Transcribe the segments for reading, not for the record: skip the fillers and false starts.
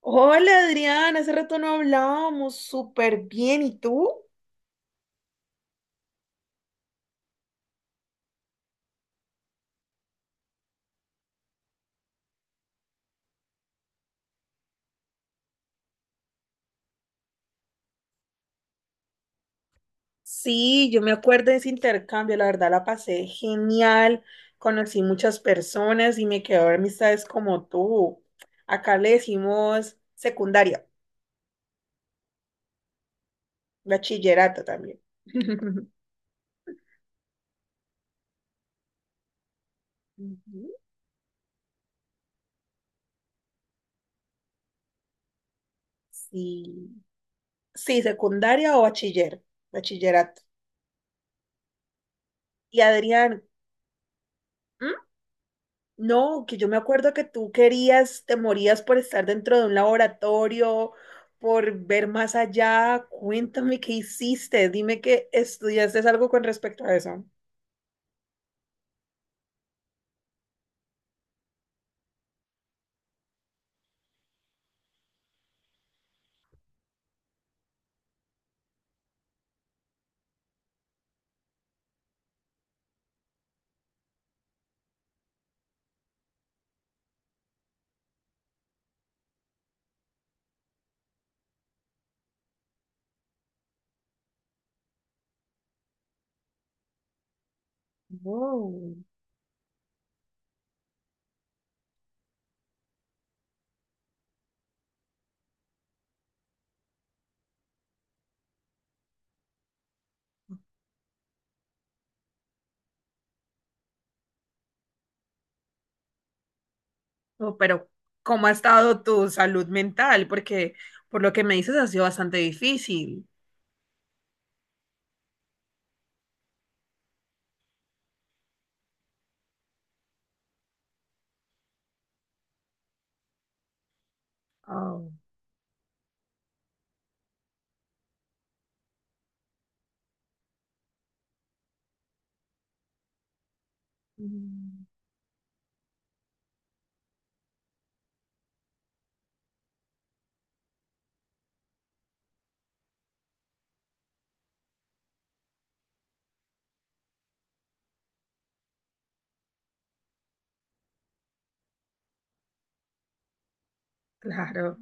Hola Adriana, hace rato no hablábamos súper bien. ¿Y tú? Sí, yo me acuerdo de ese intercambio, la verdad la pasé genial, conocí muchas personas y me quedó amistades como tú. Acá le decimos secundaria, bachillerato también. Ujú. Sí, sí, secundaria o bachiller, bachillerato. Y Adrián. ¿Mm? No, que yo me acuerdo que tú querías, te morías por estar dentro de un laboratorio, por ver más allá. Cuéntame qué hiciste, dime que estudiaste algo con respecto a eso. Wow. Oh, pero, ¿cómo ha estado tu salud mental? Porque por lo que me dices ha sido bastante difícil. Oh. Mm. Claro.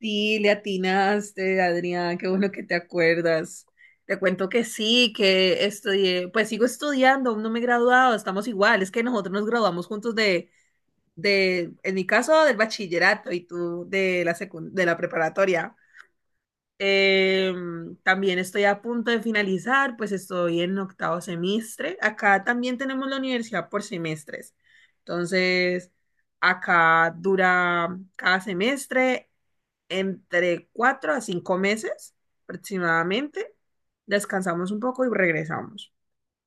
Sí, le atinaste, Adrián, qué bueno que te acuerdas. Te cuento que sí, que estudié, pues sigo estudiando, aún no me he graduado, estamos igual, es que nosotros nos graduamos juntos de, en mi caso, del bachillerato y tú de la de la preparatoria. También estoy a punto de finalizar, pues estoy en octavo semestre. Acá también tenemos la universidad por semestres. Entonces, acá dura cada semestre entre 4 a 5 meses aproximadamente, descansamos un poco y regresamos.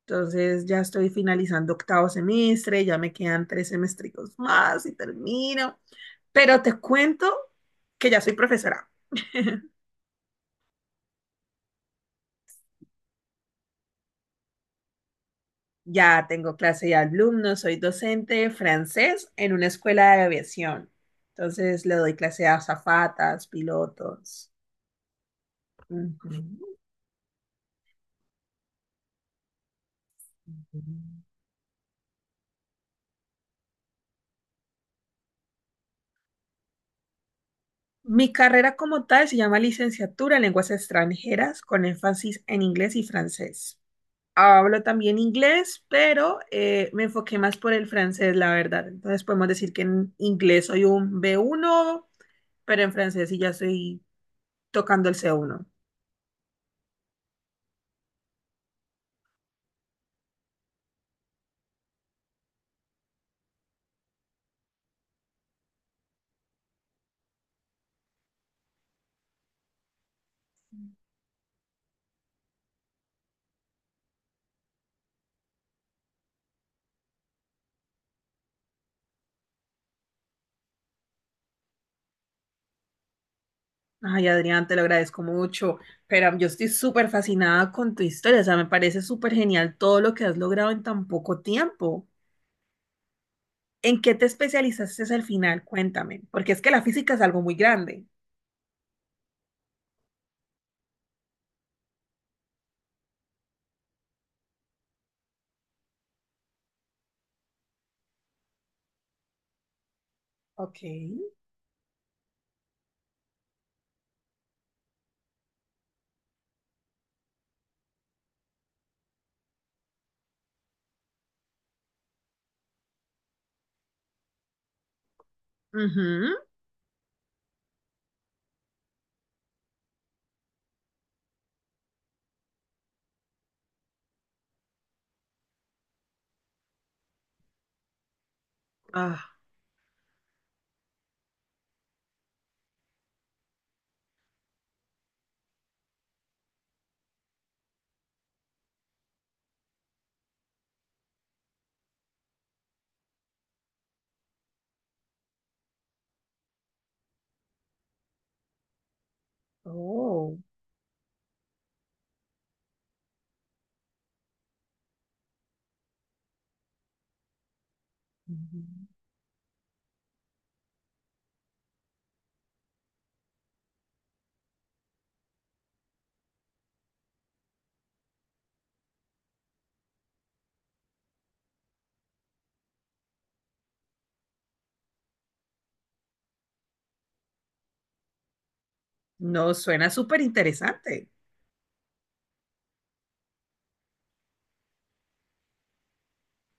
Entonces ya estoy finalizando octavo semestre, ya me quedan 3 semestricos más y termino. Pero te cuento que ya soy profesora. Ya tengo clase de alumnos, soy docente de francés en una escuela de aviación. Entonces le doy clase a azafatas, pilotos. Ujú. Mi carrera como tal se llama Licenciatura en Lenguas Extranjeras con énfasis en inglés y francés. Hablo también inglés, pero me enfoqué más por el francés, la verdad. Entonces podemos decir que en inglés soy un B1, pero en francés sí ya estoy tocando el C1. Ay, Adrián, te lo agradezco mucho, pero yo estoy súper fascinada con tu historia. O sea, me parece súper genial todo lo que has logrado en tan poco tiempo. ¿En qué te especializaste al final? Cuéntame, porque es que la física es algo muy grande. Ok. Ujú. Ah. Oh. Ujú. No, suena súper interesante.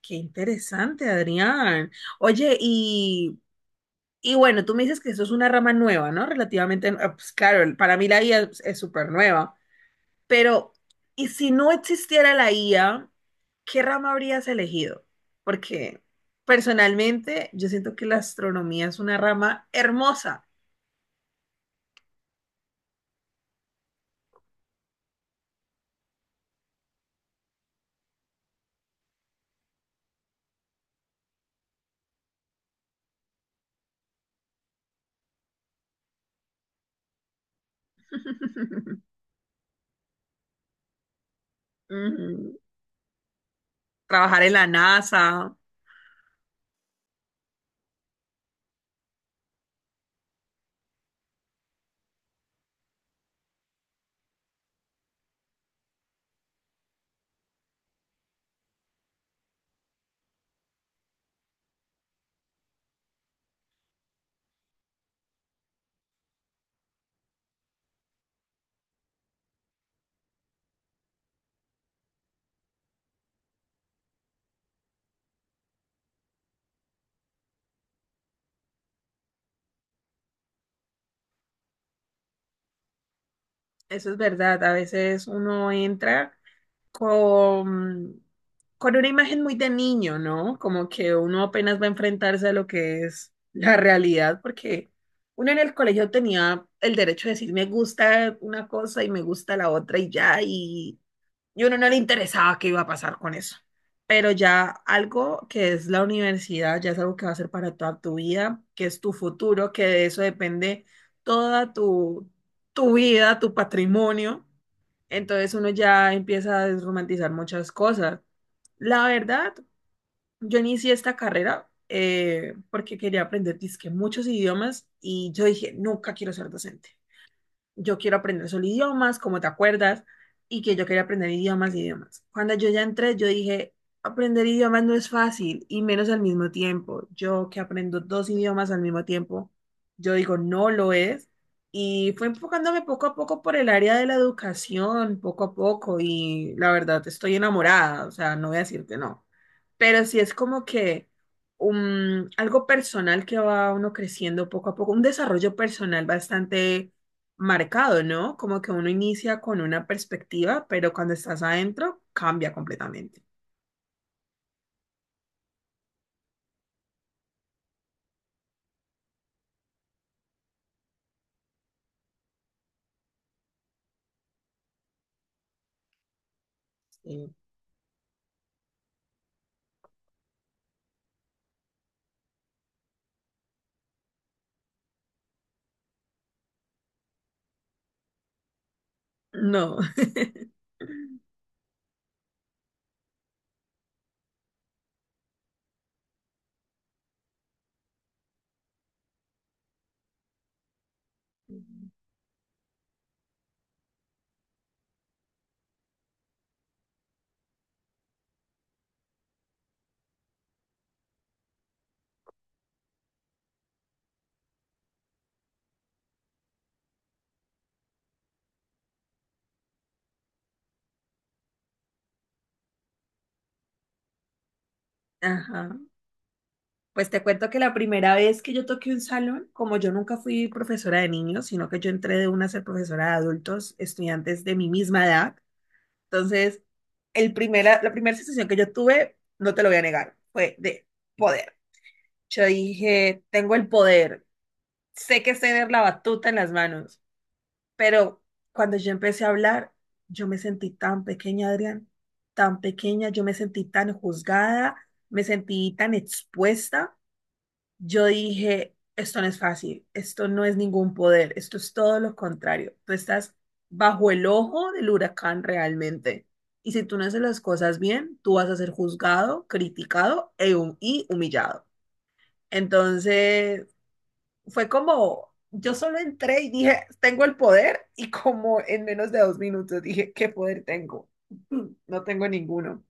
Qué interesante, Adrián. Oye, y bueno, tú me dices que eso es una rama nueva, ¿no? Relativamente, ah, pues claro, para mí la IA es súper nueva, pero ¿y si no existiera la IA, qué rama habrías elegido? Porque personalmente yo siento que la astronomía es una rama hermosa. Ujú. Trabajar en la NASA. Eso es verdad, a veces uno entra con, con una imagen muy de niño, ¿no? Como que uno apenas va a enfrentarse a lo que es la realidad, porque uno en el colegio tenía el derecho de decir me gusta una cosa y me gusta la otra y ya, y uno no le interesaba qué iba a pasar con eso. Pero ya algo que es la universidad, ya es algo que va a ser para toda tu vida, que es tu futuro, que de eso depende toda tu vida, tu patrimonio. Entonces uno ya empieza a desromantizar muchas cosas. La verdad, yo inicié esta carrera porque quería aprender dizque muchos idiomas y yo dije, nunca quiero ser docente, yo quiero aprender solo idiomas, como te acuerdas, y que yo quería aprender idiomas, idiomas. Cuando yo ya entré, yo dije, aprender idiomas no es fácil, y menos al mismo tiempo. Yo que aprendo dos idiomas al mismo tiempo, yo digo, no lo es. Y fue enfocándome poco a poco por el área de la educación, poco a poco, y la verdad estoy enamorada, o sea, no voy a decirte no. Pero sí es como que algo personal que va uno creciendo poco a poco, un desarrollo personal bastante marcado, ¿no? Como que uno inicia con una perspectiva, pero cuando estás adentro cambia completamente. Sí. No. Ajá. Pues te cuento que la primera vez que yo toqué un salón, como yo nunca fui profesora de niños, sino que yo entré de una a ser profesora de adultos, estudiantes de mi misma edad. Entonces, la primera sensación que yo tuve, no te lo voy a negar, fue de poder. Yo dije, tengo el poder, sé que es tener la batuta en las manos. Pero cuando yo empecé a hablar, yo me sentí tan pequeña, Adrián, tan pequeña, yo me sentí tan juzgada, me sentí tan expuesta. Yo dije, esto no es fácil, esto no es ningún poder, esto es todo lo contrario. Tú estás bajo el ojo del huracán realmente. Y si tú no haces las cosas bien, tú vas a ser juzgado, criticado y humillado. Entonces, fue como, yo solo entré y dije, tengo el poder y como en menos de 2 minutos dije, ¿qué poder tengo? No tengo ninguno.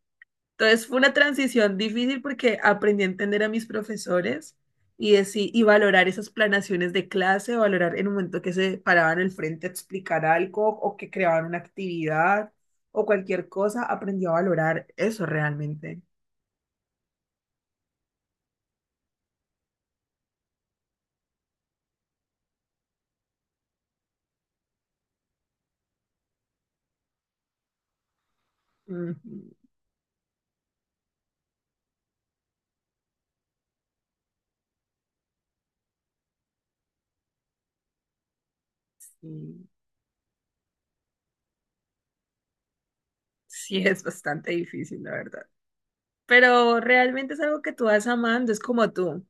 Entonces fue una transición difícil porque aprendí a entender a mis profesores y valorar esas planaciones de clase, valorar en un momento que se paraban al frente a explicar algo o que creaban una actividad o cualquier cosa, aprendí a valorar eso realmente. Ujú. Sí, sí es bastante difícil, la verdad. Pero realmente es algo que tú vas amando, es como tú.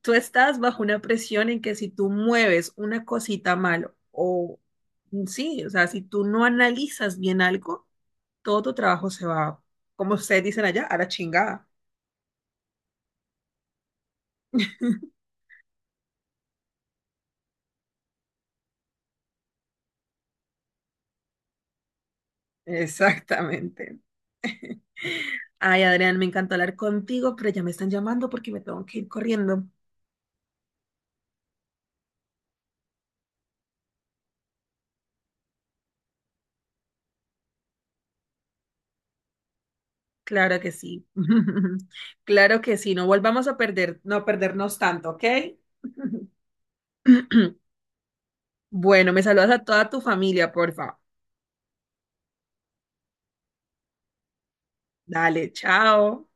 Tú estás bajo una presión en que si tú mueves una cosita mal o sí, o sea, si tú no analizas bien algo, todo tu trabajo se va, como ustedes dicen allá, a la chingada. Exactamente. Ay, Adrián, me encantó hablar contigo, pero ya me están llamando porque me tengo que ir corriendo. Claro que sí. Claro que sí, no volvamos a perder, no perdernos tanto, ¿ok? Bueno, me saludas a toda tu familia, por favor. Dale, chao.